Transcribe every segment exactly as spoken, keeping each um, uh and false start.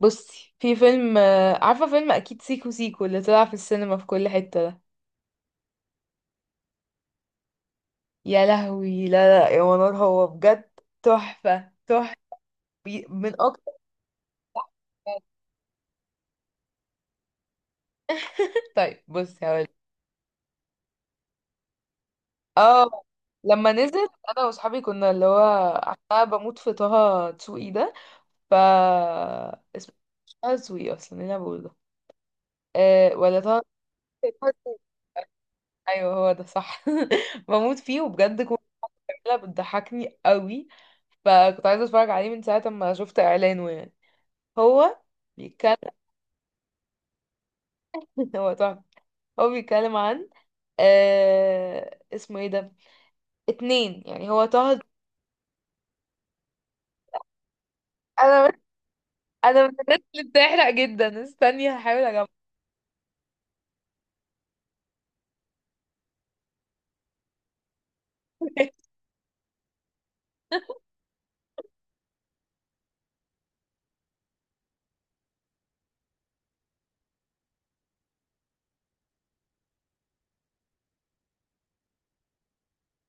بصي في فيلم آه، عارفة فيلم، أكيد سيكو سيكو اللي طلع في السينما في كل حتة ده. يا لهوي، لا لا يا منار، هو بجد تحفة تحفة. بي- من أكتر. طيب بصي هقول. اه، لما نزل أنا وأصحابي كنا اللي هو أنا بموت في طه دسوقي ده. ف اسمه طه دسوقي، أصلا إيه اللي أنا بقوله ده؟ أه، ولا طه، طه دسوقي. أيوه هو ده صح. بموت فيه، وبجد كنت بتضحكني قوي. فكنت عايزة اتفرج عليه من ساعة ما شفت اعلانه، يعني. هو بيتكلم. هو تحفة. هو بيتكلم عن آه... اسمه ايه ده؟ اتنين، يعني هو طه. انا انا من الناس اللي بتحرق جدا، استني هحاول اجمع.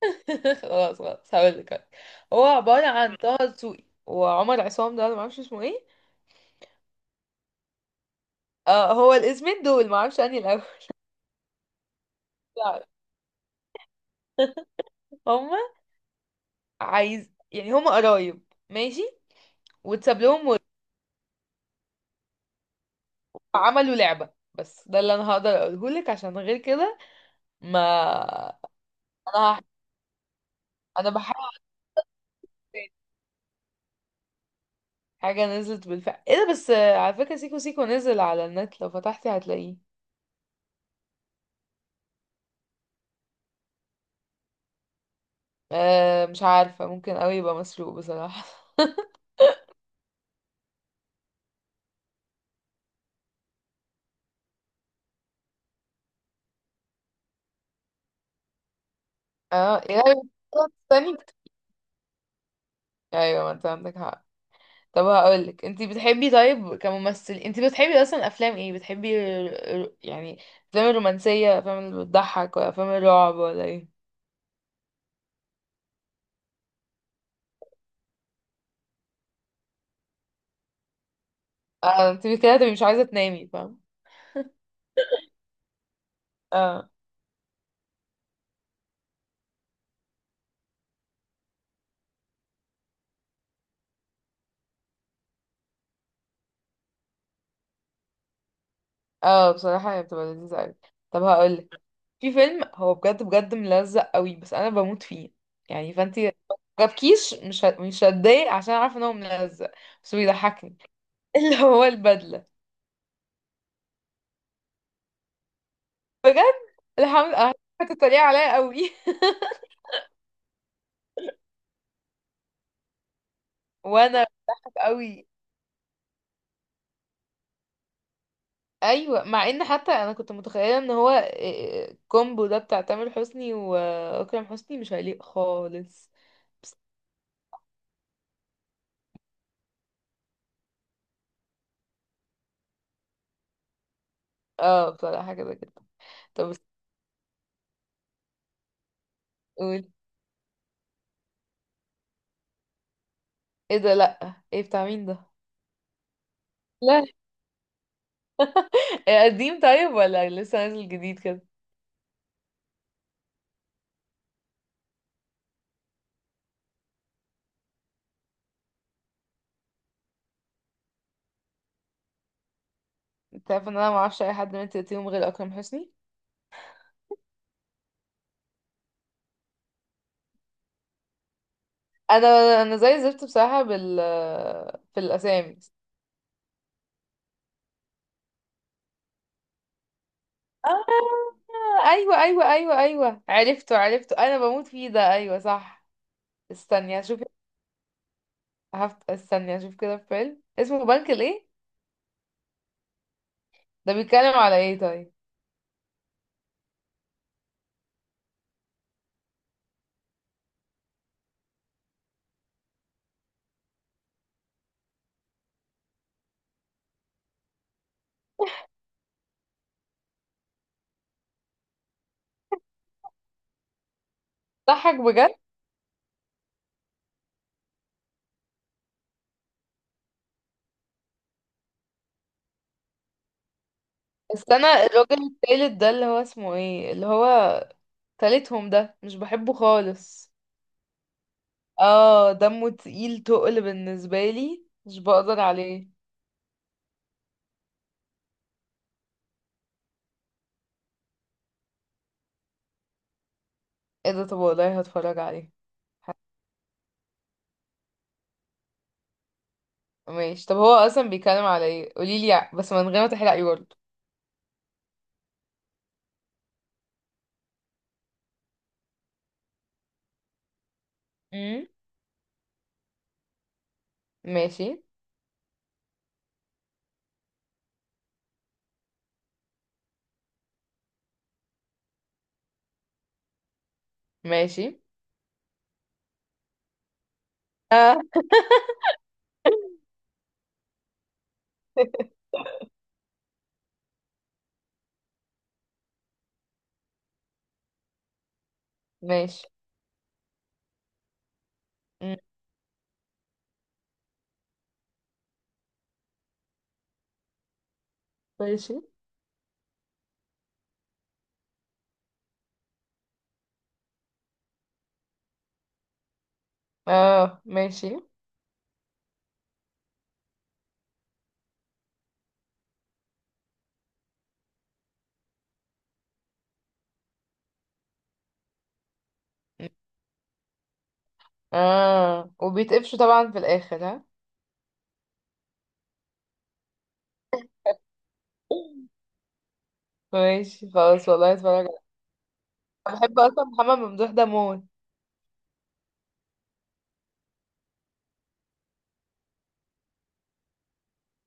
خلاص خلاص هقول لك. هو عبارة عن طه دسوقي وعمر عصام، ده انا معرفش اسمه ايه. آه، هو الاسمين دول معرفش انهي الاول. هما عايز، يعني هما قرايب. ماشي. واتساب لهم. عملوا لعبة، بس ده اللي انا هقدر اقوله لك عشان غير كده. ما انا هح... انا بحاول. تاني حاجة نزلت بالفعل، ايه ده، بس آه، على فكرة سيكو سيكو نزل على النت، لو فتحتي هتلاقيه. أه، مش عارفة، ممكن اوي يبقى مسروق بصراحة. اه، ايه. تاني، ايوه ما انت عندك حق. طب هقولك، انت بتحبي طيب كممثل، انت بتحبي اصلا افلام ايه، بتحبي ر- ر- يعني افلام الرومانسية، افلام اللي بتضحك، ولا افلام الرعب، ولا ايه؟ اه، انت كده تبقي مش عايزة تنامي، فاهم. اه، بصراحة هي بتبقى لذيذة اوي. طب هقولك، في فيلم هو بجد بجد ملزق اوي، بس انا بموت فيه. يعني فانتي جابكيش، مش ه- مش هتضايق عشان عارفة ان هو ملزق، بس بيضحكني. اللي هو البدلة. بجد. الحمد لله. هتتريق عليا اوي. وانا بضحك اوي. ايوه، مع ان حتى انا كنت متخيله ان هو الكومبو ده بتاع تامر حسني واكرم حسني مش هيليق خالص. اه، بصراحه كده كده. طب قول. ايه ده؟ لا، ايه بتاع مين ده؟ إيه، قديم طيب ولا لسه نازل جديد كده؟ انت عارف ان انا ما اعرفش اي حد من تلاتيهم غير اكرم حسني. انا انا زي زفت بصراحه بال في الاسامي. آه، ايوه ايوه ايوه ايوه عرفته عرفته، انا بموت فيه ده، ايوه صح. استني هشوف. هفت... استني هشوف كده فيلم اسمه بنك الايه؟ ده بيتكلم على ايه طيب؟ ضحك بجد. استنى، الراجل التالت ده اللي هو اسمه ايه، اللي هو تالتهم ده مش بحبه خالص. اه، دمه تقيل تقل بالنسبة لي مش بقدر عليه. ايه ده؟ طب والله هتفرج عليه. ح- ماشي، طب هو اصلا بيتكلم على ايه، قوليلي ع- بس من غير ما تحرقي برضه. امم. ماشي. ماشي. اه، ماشي. مم. ماشي. اه، ماشي. اه، وبيتقفشوا طبعا في الاخر، ها؟ ماشي، خلاص والله هتفرج عليه. أنا بحب اصلا محمد ممدوح ده موت.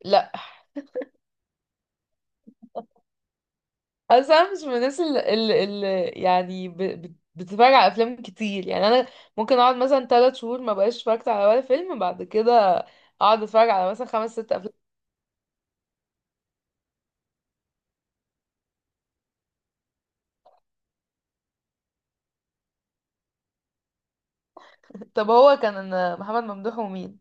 لا. اصل انا مش من الناس اللي, اللي, اللي يعني ب... بت- بتتفرج على افلام كتير، يعني انا ممكن اقعد مثلا ثلاث شهور ما بقاش اتفرجت على ولا فيلم، بعد كده اقعد اتفرج على مثلا خمس ست افلام. طب هو كان محمد ممدوح ومين؟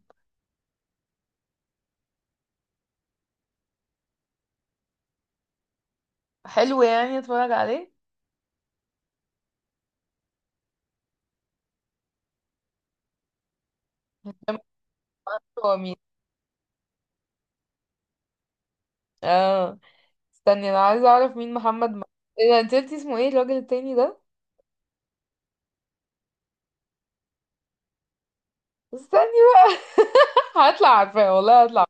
حلو، يعني اتفرج عليه. هو مين؟ اه. استني، انا عايزه اعرف مين محمد م... ايه ده، انت قلتي اسمه ايه الراجل التاني ده؟ استني بقى. هطلع عارفاه، والله هطلع.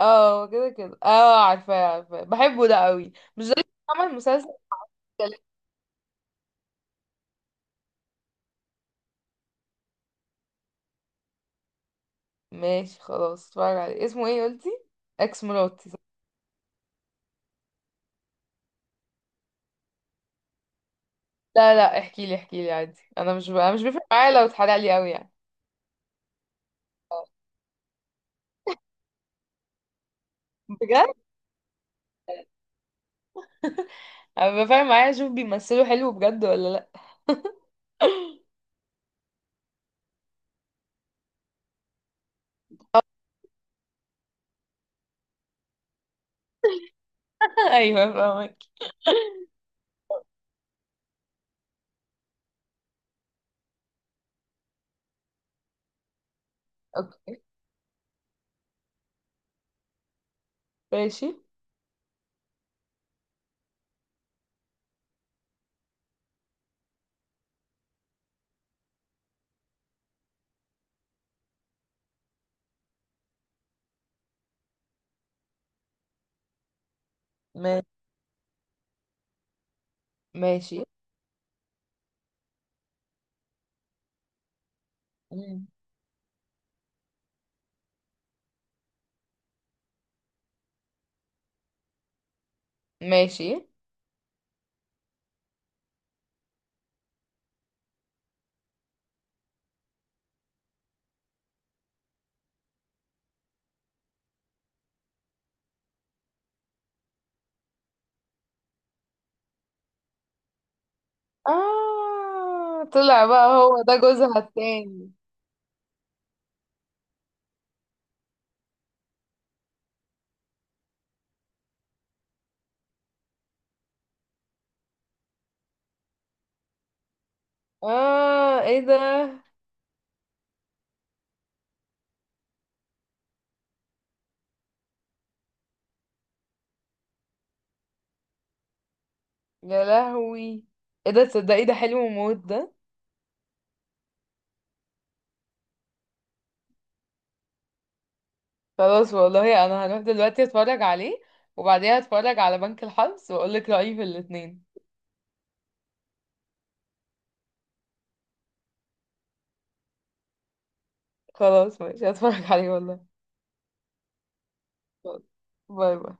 اه، كده كده، اه، عارفاه عارفاه، بحبه ده قوي، مش ده اللي عمل مسلسل؟ ماشي خلاص، اتفرج عليه، اسمه ايه قلتي؟ اكس مراتي، صح؟ لا لا، احكي لي احكي لي عادي، انا مش ب... انا مش بيفرق معايا لو اتحرق لي قوي، يعني. بجد. انا بيبقى فارق معايا اشوف بيمثلوا حلو بجد ولا لا. ايوه، فاهمك. اوكي. ماشي ما- ماشي مم. ماشي. اه، طلع بقى هو ده جوزها التاني. اه، ايه ده. يا لهوي. ايه ده، تصدقي ده حلو موت ده. خلاص، والله انا هروح دلوقتي اتفرج عليه، وبعديها اتفرج على بنك الحظ واقول لك رأيي في الاتنين. خلاص ماشي، هتفرج عليه والله. باي باي.